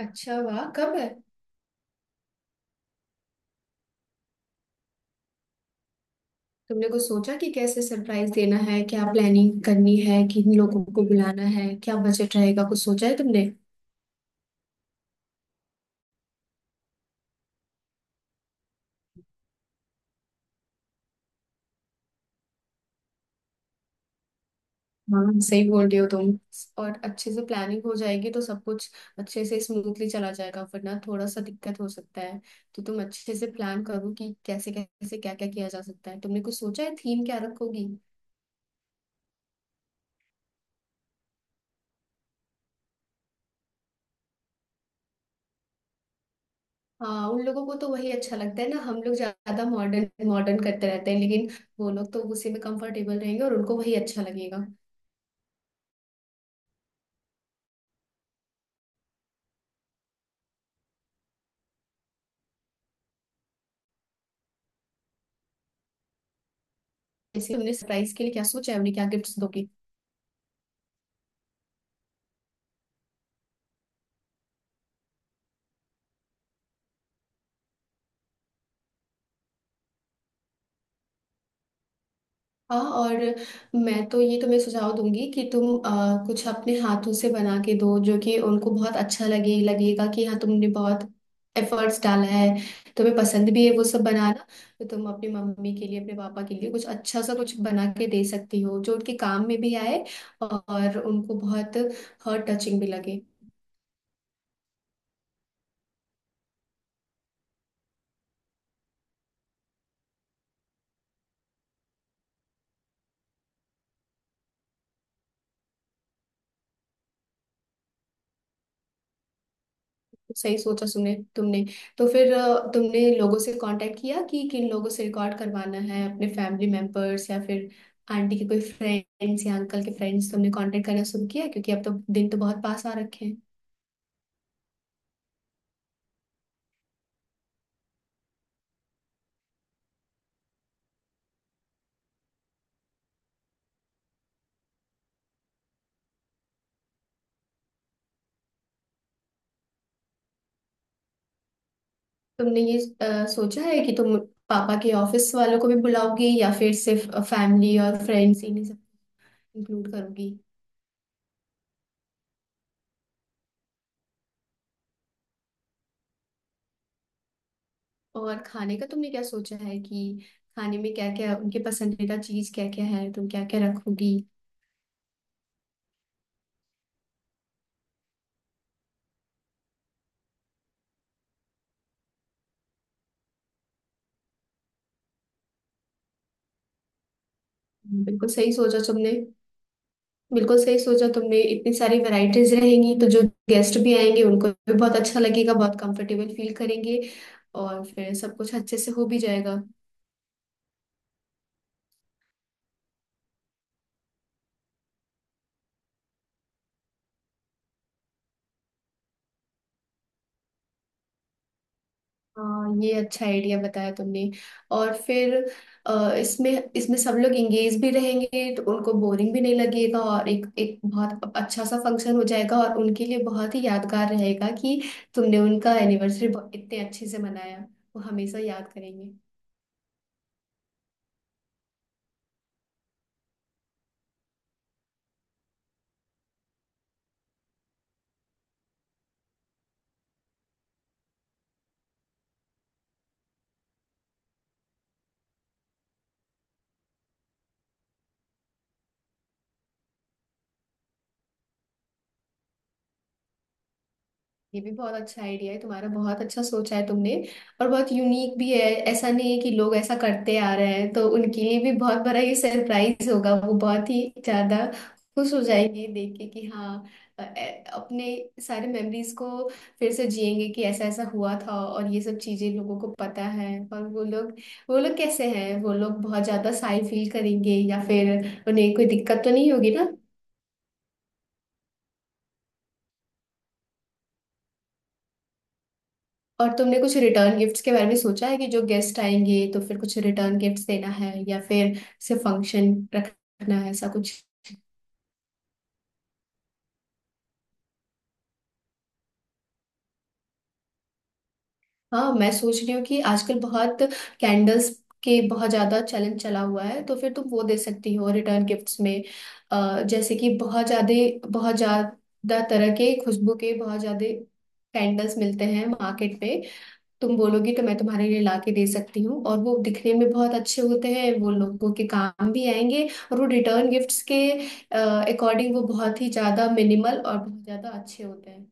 अच्छा, वाह, कब है। तुमने कुछ सोचा कि कैसे सरप्राइज देना है, क्या प्लानिंग करनी है, किन लोगों को बुलाना है, क्या बजट रहेगा, कुछ सोचा है तुमने। हाँ, सही बोल रही हो तुम। और अच्छे से प्लानिंग हो जाएगी तो सब कुछ अच्छे से स्मूथली चला जाएगा, वरना थोड़ा सा दिक्कत हो सकता है। तो तुम अच्छे से प्लान करो कि कैसे कैसे क्या क्या किया जा सकता है। तुमने कुछ सोचा है थीम क्या रखोगी। हाँ, उन लोगों को तो वही अच्छा लगता है ना। हम लोग ज्यादा मॉडर्न मॉडर्न करते रहते हैं, लेकिन वो लोग तो उसी में कंफर्टेबल रहेंगे और उनको वही अच्छा लगेगा। जैसे तुमने सरप्राइज के लिए क्या सोचा है, उन्हें क्या गिफ्ट्स दोगी। हाँ, और मैं तो ये तुम्हें सुझाव दूंगी कि तुम कुछ अपने हाथों से बना के दो जो कि उनको बहुत अच्छा लगे। लगेगा कि हाँ तुमने बहुत एफर्ट्स डाला है। तुम्हें पसंद भी है वो सब बनाना। तो तुम अपनी मम्मी के लिए, अपने पापा के लिए कुछ अच्छा सा कुछ बना के दे सकती हो जो उनके काम में भी आए और उनको बहुत हर्ट टचिंग भी लगे। सही सोचा सुने तुमने। तो फिर तुमने लोगों से कांटेक्ट किया कि किन लोगों से रिकॉर्ड करवाना है, अपने फैमिली मेंबर्स या फिर आंटी के कोई फ्रेंड्स या अंकल के फ्रेंड्स, तुमने कांटेक्ट करना शुरू किया, क्योंकि अब तो दिन तो बहुत पास आ रखे हैं। तुमने ये सोचा है कि तुम पापा के ऑफिस वालों को भी बुलाओगी या फिर सिर्फ फैमिली और फ्रेंड्स, इन्हें सब इंक्लूड करोगी। और खाने का तुमने क्या सोचा है कि खाने में क्या क्या, उनके पसंदीदा चीज क्या क्या है, तुम क्या क्या रखोगी। बिल्कुल सही सोचा तुमने। बिल्कुल सही सोचा तुमने। इतनी सारी वैरायटीज रहेंगी तो जो गेस्ट भी आएंगे उनको भी बहुत अच्छा लगेगा, बहुत कंफर्टेबल फील करेंगे और फिर सब कुछ अच्छे से हो भी जाएगा। हाँ, ये अच्छा आइडिया बताया तुमने। और फिर इसमें इसमें सब लोग एंगेज भी रहेंगे तो उनको बोरिंग भी नहीं लगेगा और एक एक बहुत अच्छा सा फंक्शन हो जाएगा और उनके लिए बहुत ही यादगार रहेगा कि तुमने उनका एनिवर्सरी इतने अच्छे से मनाया। वो हमेशा याद करेंगे। ये भी बहुत अच्छा आइडिया है तुम्हारा। बहुत अच्छा सोचा है तुमने और बहुत यूनिक भी है। ऐसा नहीं है कि लोग ऐसा करते आ रहे हैं, तो उनके लिए भी बहुत बड़ा ये सरप्राइज होगा। वो बहुत ही ज्यादा खुश हो जाएंगे देख के कि हाँ, अ- अ- अपने सारे मेमोरीज को फिर से जिएंगे कि ऐसा ऐसा हुआ था। और ये सब चीजें लोगों को पता है और वो लोग कैसे हैं, वो लोग बहुत ज्यादा साई फील करेंगे या फिर उन्हें कोई दिक्कत तो नहीं होगी ना। और तुमने कुछ रिटर्न गिफ्ट्स के बारे में सोचा है कि जो गेस्ट आएंगे तो फिर कुछ रिटर्न गिफ्ट्स देना है या फिर सिर्फ फंक्शन रखना है, ऐसा कुछ। हाँ, मैं सोच रही हूँ कि आजकल बहुत कैंडल्स के बहुत ज्यादा चलन चला हुआ है, तो फिर तुम वो दे सकती हो रिटर्न गिफ्ट्स में। जैसे कि बहुत ज्यादा, बहुत ज्यादा तरह के खुशबू के, बहुत ज्यादा कैंडल्स मिलते हैं मार्केट में। तुम बोलोगी तो मैं तुम्हारे लिए ला के दे सकती हूँ, और वो दिखने में बहुत अच्छे होते हैं, वो लोगों के काम भी आएंगे। और वो रिटर्न गिफ्ट्स के अकॉर्डिंग वो बहुत ही ज्यादा मिनिमल और बहुत ज्यादा अच्छे होते हैं।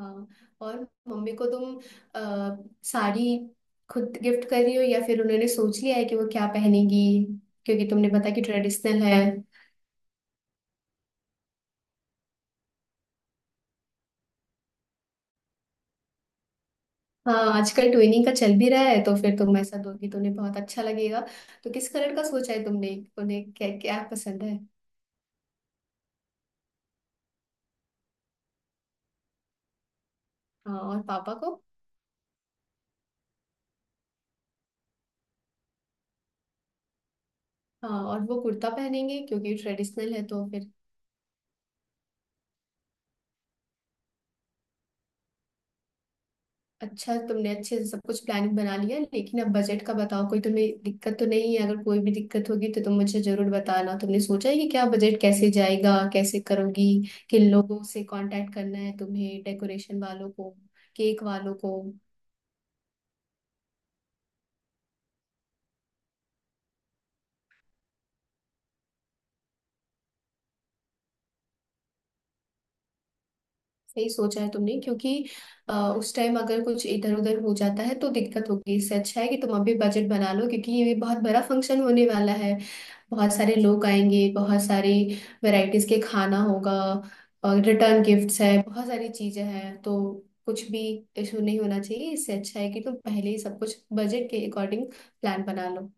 हाँ। और मम्मी को तुम अ, साड़ी खुद गिफ्ट कर रही हो या फिर उन्होंने सोच लिया है कि वो क्या पहनेगी, क्योंकि तुमने बताया कि ट्रेडिशनल है। हाँ, आजकल ट्विनिंग का चल भी रहा है, तो फिर तुम ऐसा दोगी तो उन्हें बहुत अच्छा लगेगा। तो किस कलर का सोचा है तुमने, उन्हें क्या क्या पसंद है। हाँ, और पापा को। हाँ, और वो कुर्ता पहनेंगे क्योंकि ट्रेडिशनल है तो फिर। अच्छा, तुमने अच्छे से सब कुछ प्लानिंग बना लिया, लेकिन अब बजट का बताओ, कोई तुम्हें दिक्कत तो नहीं है। अगर कोई भी दिक्कत होगी तो तुम मुझे जरूर बताना। तुमने सोचा है कि क्या बजट कैसे जाएगा, कैसे करोगी, किन लोगों से कांटेक्ट करना है तुम्हें, डेकोरेशन वालों को, केक वालों को। सही सोचा है तुमने, क्योंकि अ, उस टाइम अगर कुछ इधर उधर हो जाता है तो दिक्कत होगी। इससे अच्छा है कि तुम अभी बजट बना लो, क्योंकि ये बहुत बड़ा फंक्शन होने वाला है। बहुत सारे लोग आएंगे, बहुत सारी वैरायटीज के खाना होगा, और रिटर्न गिफ्ट्स है, बहुत सारी चीजें हैं, तो कुछ भी इशू नहीं होना चाहिए। इससे अच्छा है कि तुम पहले ही सब कुछ बजट के अकॉर्डिंग प्लान बना लो।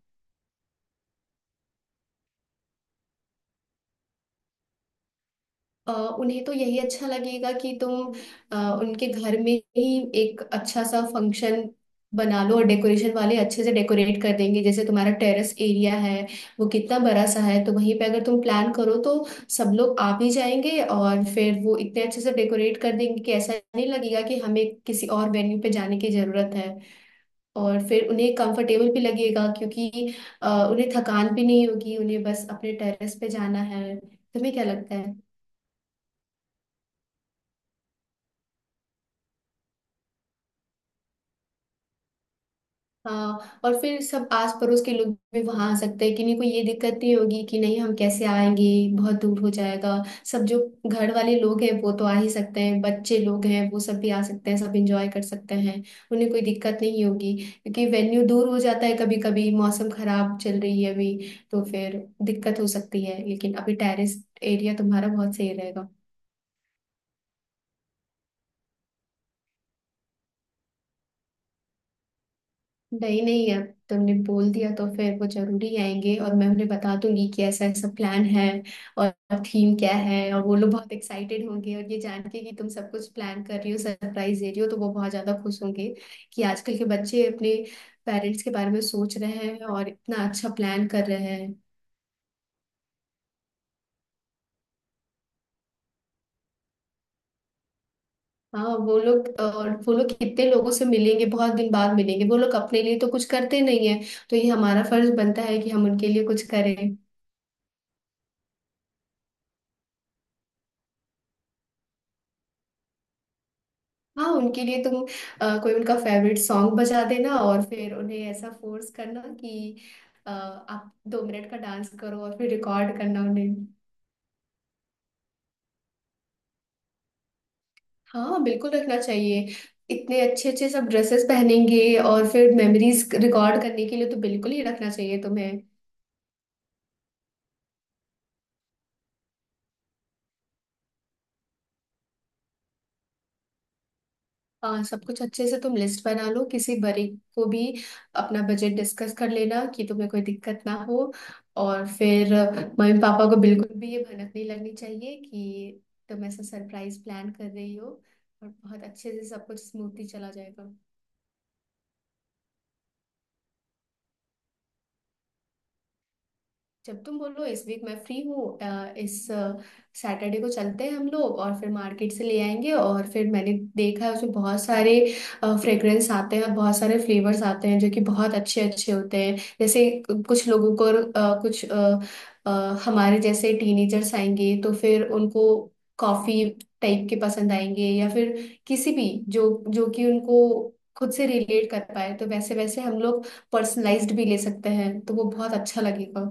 अ, उन्हें तो यही अच्छा लगेगा कि तुम उनके घर में ही एक अच्छा सा फंक्शन बना लो, और डेकोरेशन वाले अच्छे से डेकोरेट कर देंगे। जैसे तुम्हारा टेरेस एरिया है, वो कितना बड़ा सा है, तो वहीं पे अगर तुम प्लान करो तो सब लोग आ भी जाएंगे और फिर वो इतने अच्छे से डेकोरेट कर देंगे कि ऐसा नहीं लगेगा कि हमें किसी और वेन्यू पे जाने की जरूरत है। और फिर उन्हें कंफर्टेबल भी लगेगा क्योंकि उन्हें थकान भी नहीं होगी, उन्हें बस अपने टेरेस पे जाना है। तुम्हें क्या लगता है। हाँ, और फिर सब आस पड़ोस के लोग भी वहां आ सकते हैं, किन्हीं को ये दिक्कत नहीं होगी कि नहीं हम कैसे आएंगे, बहुत दूर हो जाएगा। सब जो घर वाले लोग हैं वो तो आ ही सकते हैं, बच्चे लोग हैं वो सब भी आ सकते हैं, सब एंजॉय कर सकते हैं। उन्हें कोई दिक्कत नहीं होगी। क्योंकि वेन्यू दूर हो जाता है, कभी कभी मौसम खराब चल रही है अभी, तो फिर दिक्कत हो सकती है, लेकिन अभी टेरेस एरिया तुम्हारा बहुत सही रहेगा। नहीं नहीं, अब तुमने बोल दिया तो फिर वो जरूरी आएंगे, और मैं उन्हें बता दूंगी कि ऐसा ऐसा प्लान है और थीम क्या है। और वो लोग बहुत एक्साइटेड होंगे, और ये जान के कि तुम सब कुछ प्लान कर रही हो, सरप्राइज दे रही हो, तो वो बहुत ज्यादा खुश होंगे कि आजकल के बच्चे अपने पेरेंट्स के बारे में सोच रहे हैं और इतना अच्छा प्लान कर रहे हैं। हाँ, वो लोग, और वो लोग कितने लोगों से मिलेंगे, बहुत दिन बाद मिलेंगे। वो लोग अपने लिए तो कुछ करते नहीं है, तो ये हमारा फर्ज बनता है कि हम उनके लिए कुछ करें। हाँ, उनके लिए तुम कोई उनका फेवरेट सॉन्ग बजा देना और फिर उन्हें ऐसा फोर्स करना कि आप 2 मिनट का डांस करो और फिर रिकॉर्ड करना उन्हें। हाँ, बिल्कुल रखना चाहिए। इतने अच्छे अच्छे सब ड्रेसेस पहनेंगे, और फिर मेमोरीज रिकॉर्ड करने के लिए तो बिल्कुल ही रखना चाहिए तुम्हें। हाँ, सब कुछ अच्छे से तुम लिस्ट बना लो, किसी बड़े को भी अपना बजट डिस्कस कर लेना कि तुम्हें कोई दिक्कत ना हो। और फिर मम्मी पापा को बिल्कुल भी ये भनक नहीं लगनी चाहिए कि तुम ऐसा सरप्राइज प्लान कर रही हो, और बहुत अच्छे से सब कुछ स्मूथली चला जाएगा। जब तुम बोलो, इस वीक मैं फ्री हूँ। इस सैटरडे को चलते हैं हम लोग, और फिर मार्केट से ले आएंगे। और फिर मैंने देखा है उसमें बहुत सारे फ्रेग्रेंस आते हैं और बहुत सारे फ्लेवर्स आते हैं जो कि बहुत अच्छे अच्छे होते हैं। जैसे कुछ लोगों को अ, हमारे जैसे टीनेजर्स आएंगे तो फिर उनको कॉफी टाइप के पसंद आएंगे, या फिर किसी भी जो जो कि उनको खुद से रिलेट कर पाए, तो वैसे वैसे हम लोग पर्सनलाइज्ड भी ले सकते हैं, तो वो बहुत अच्छा लगेगा।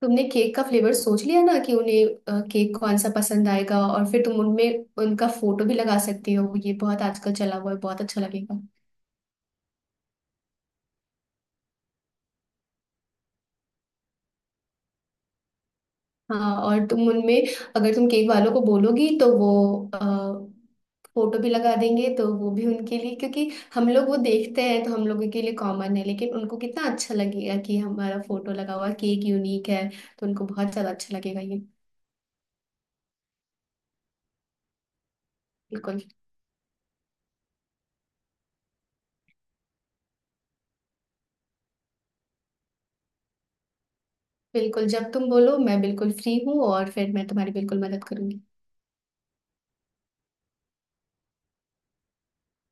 तुमने केक का फ्लेवर सोच लिया ना कि उन्हें केक कौन सा पसंद आएगा। और फिर तुम उनमें उनका फोटो भी लगा सकती हो, ये बहुत आजकल चला हुआ है, बहुत अच्छा लगेगा। हाँ, और तुम उनमें, अगर तुम केक वालों को बोलोगी तो वो अ, फोटो भी लगा देंगे, तो वो भी उनके लिए। क्योंकि हम लोग वो देखते हैं तो हम लोगों के लिए कॉमन है, लेकिन उनको कितना अच्छा लगेगा कि हमारा फोटो लगा हुआ केक यूनिक है, तो उनको बहुत ज्यादा अच्छा लगेगा ये। बिल्कुल। बिल्कुल, जब तुम बोलो मैं बिल्कुल फ्री हूँ, और फिर मैं तुम्हारी बिल्कुल मदद करूंगी।